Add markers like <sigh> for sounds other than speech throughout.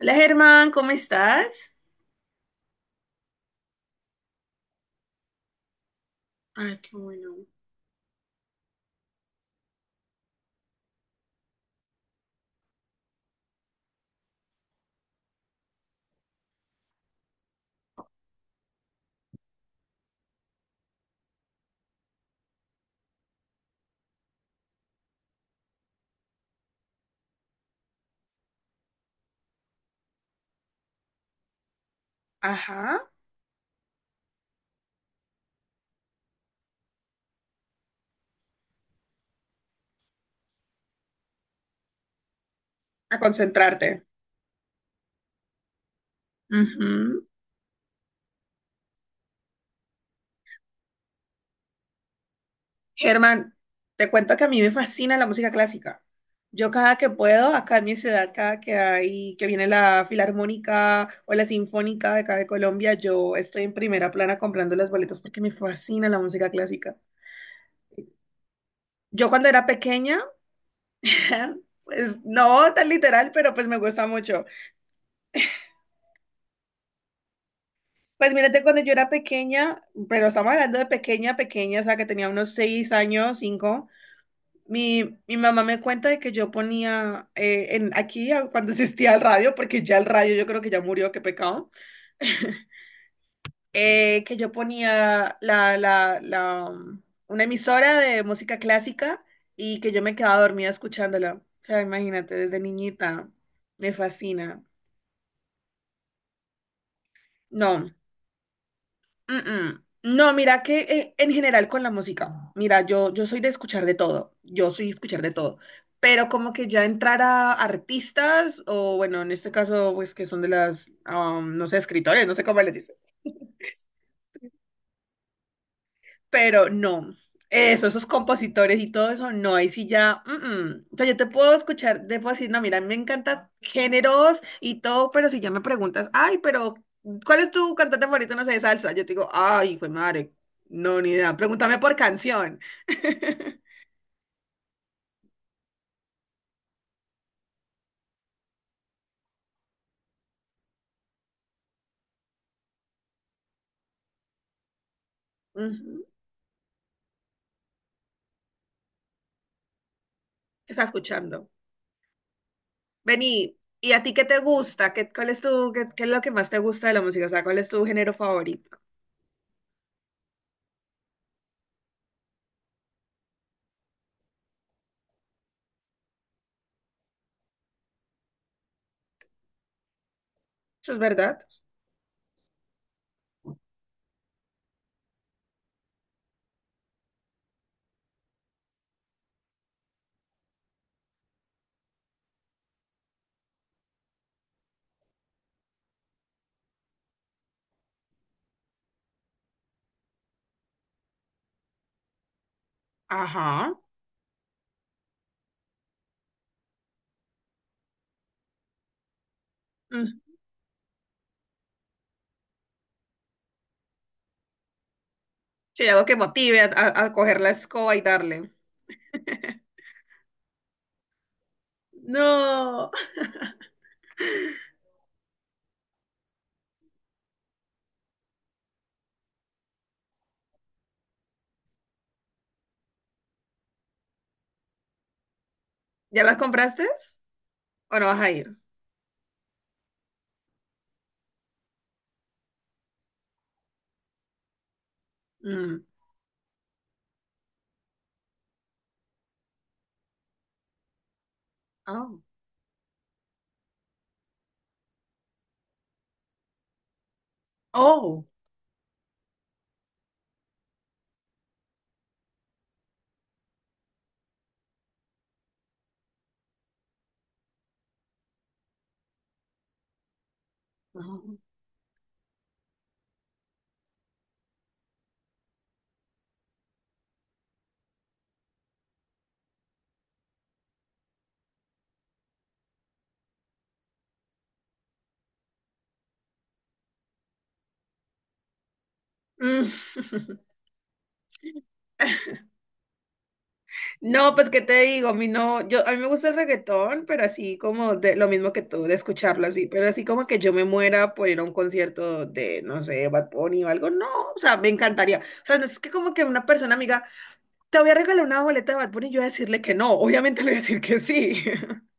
Hola Germán, ¿cómo estás? Ay, qué bueno. Ajá, a concentrarte. Ujú. Germán, te cuento que a mí me fascina la música clásica. Yo cada que puedo, acá en mi ciudad, cada que hay, que viene la Filarmónica o la Sinfónica de acá de Colombia, yo estoy en primera plana comprando las boletas porque me fascina la música clásica. Yo cuando era pequeña, <laughs> pues no tan literal, pero pues me gusta mucho. Pues mírate, cuando yo era pequeña, pero estamos hablando de pequeña, pequeña, o sea, que tenía unos 6 años, 5, mi mamá me cuenta de que yo ponía cuando <laughs> existía el radio, porque ya el radio yo creo que ya murió, qué pecado, <laughs> que yo ponía una emisora de música clásica y que yo me quedaba dormida escuchándola. O sea, imagínate, desde niñita, me fascina. No. Mm, mm. No, mira que en general con la música, mira, yo soy de escuchar de todo, yo soy de escuchar de todo, pero como que ya entrar a artistas, o bueno, en este caso, pues que son de las, no sé, escritores, no sé cómo les pero no. Eso, esos compositores y todo eso, no, ahí sí ya, mm, mm. O sea, yo te puedo escuchar, te puedo decir, no, mira, a mí me encantan géneros y todo, pero si ya me preguntas, ay, pero, ¿cuál es tu cantante favorito, no sé, de salsa? Yo te digo, ay, hijo de madre, no, ni idea, pregúntame por canción. <laughs> Ujú, ¿qué estás escuchando? Vení, ¿y a ti qué te gusta? ¿Qué, cuál es tu, qué, qué es lo que más te gusta de la música? O sea, ¿cuál es tu género favorito? Eso es verdad. Ajá. Sí, algo que motive a coger la escoba y darle. No. <laughs> ¿Ya las compraste? ¿O no vas a ir? Mm. Oh. Oh. Oh. Mm. <laughs> No, pues qué te digo, a mí no, yo a mí me gusta el reggaetón, pero así como de lo mismo que tú, de escucharlo así, pero así como que yo me muera por ir a un concierto de, no sé, Bad Bunny o algo, no, o sea, me encantaría. O sea, no es que como que una persona amiga, te voy a regalar una boleta de Bad Bunny, y yo voy a decirle que no, obviamente le voy a decir que sí. <laughs>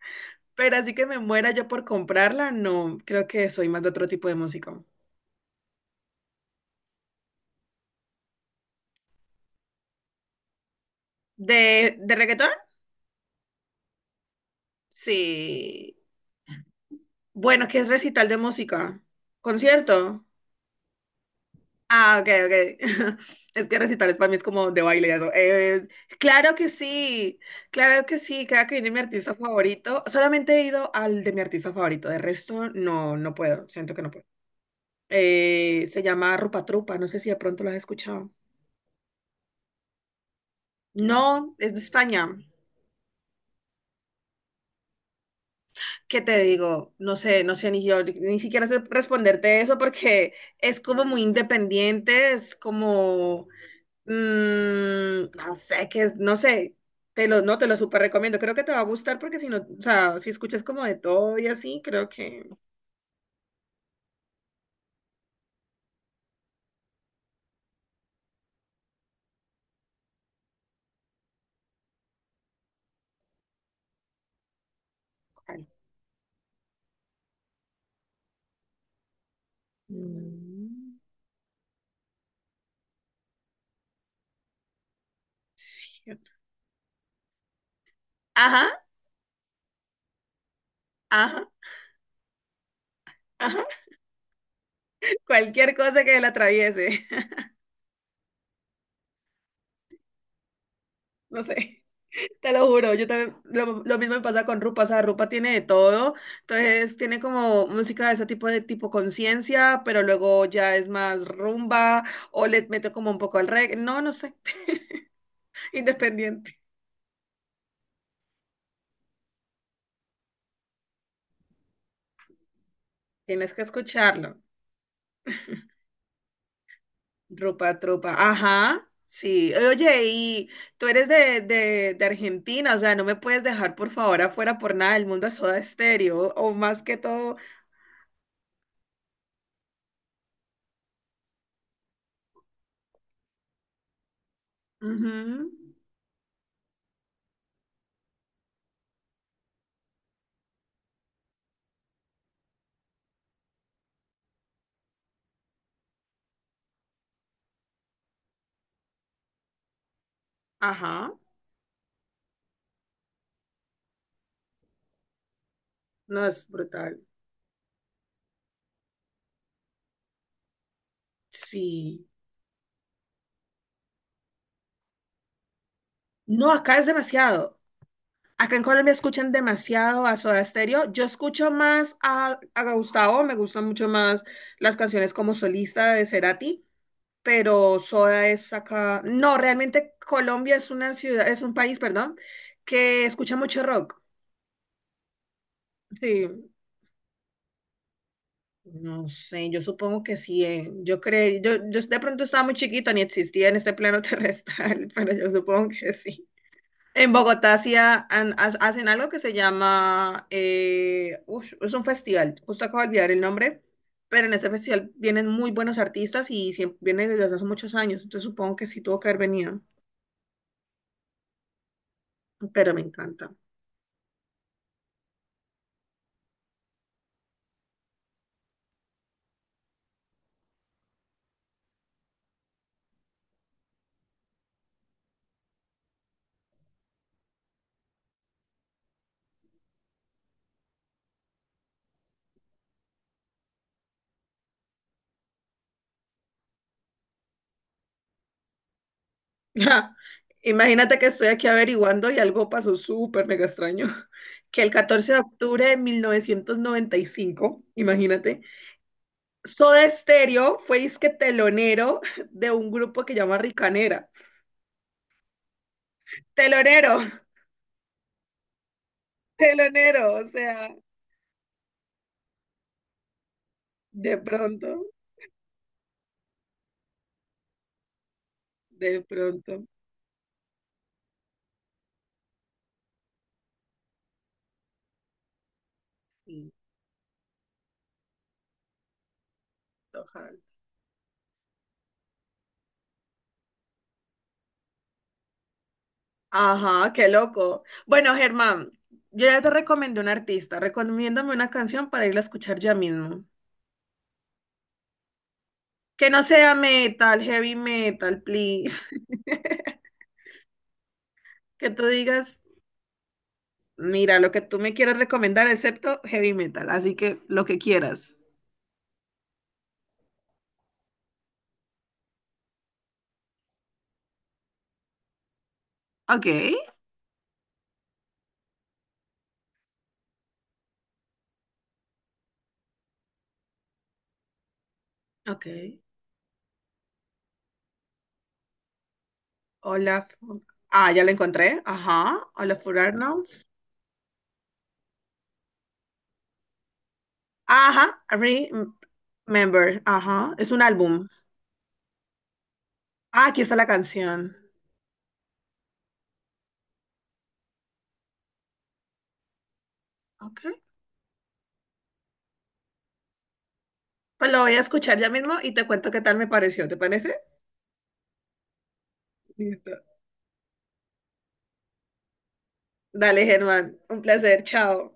Pero así que me muera yo por comprarla, no, creo que soy más de otro tipo de música. ¿De reggaetón? Sí. Bueno, ¿qué es recital de música? ¿Concierto? Ah, ok, ok. <laughs> Es que recitales para mí es como de baile y eso. Claro que sí, claro que sí, claro que viene mi artista favorito. Solamente he ido al de mi artista favorito, de resto no, no puedo, siento que no puedo. Se llama Rupa Trupa, no sé si de pronto lo has escuchado. No, es de España. ¿Qué te digo? No sé, no sé, ni yo ni siquiera sé responderte eso porque es como muy independiente, es como, mm, no sé, que es, no sé, te lo, no, te lo súper recomiendo, creo que te va a gustar porque si no, o sea, si escuchas como de todo y así, creo que... ay, mm. Sí. Ajá, ajá, ajá, <laughs> cualquier cosa que la atraviese, <laughs> no sé. Te lo juro, yo también, lo mismo me pasa con Rupa, o sea, Rupa tiene de todo, entonces tiene como música de ese tipo de tipo conciencia, pero luego ya es más rumba o le mete como un poco al reggae, no, no sé, <laughs> independiente. Tienes que escucharlo, Rupa, Trupa, ajá, sí, oye, y tú eres de, de Argentina, o sea, no me puedes dejar por favor afuera por nada del mundo a Soda Estéreo o más que todo, ujú, ajá, no, es brutal, sí. No, acá es demasiado. Acá en Colombia escuchan demasiado a Soda Stereo. Yo escucho más a Gustavo, me gustan mucho más las canciones como solista de Cerati, pero Soda es acá. No, realmente Colombia es una ciudad, es un país, perdón, que escucha mucho rock. Sí, no sé, yo supongo que sí. Eh. Yo creo, yo de pronto estaba muy chiquita, ni existía en este plano terrestre, <laughs> pero yo supongo que sí. En Bogotá hacía hacen algo que se llama, ush, es un festival, justo acabo de olvidar el nombre, pero en este festival vienen muy buenos artistas y vienen desde hace muchos años, entonces supongo que sí tuvo que haber venido, pero me encanta. <laughs> Imagínate que estoy aquí averiguando y algo pasó súper mega extraño, <laughs> que el 14 de octubre de 1995, imagínate, Soda Stereo fue disque telonero <laughs> de un grupo que llama Ricanera. Telonero. Telonero, o sea, de pronto, de pronto. Sí, ojalá. Ajá, qué loco. Bueno, Germán, yo ya te recomendé un artista, recomiéndame una canción para irla a escuchar ya mismo. Que no sea metal, heavy metal, please. <laughs> Que tú digas, mira, lo que tú me quieras recomendar, excepto heavy metal, así que lo que quieras. Ok, ok. Hola. Ah, ya la encontré. Ajá. Hola, Arnolds. Ajá, Remember, ajá, es un álbum. Ah, aquí está la canción. Ok, pues lo voy a escuchar ya mismo y te cuento qué tal me pareció, ¿te parece? Listo. Dale, Germán, un placer, chao.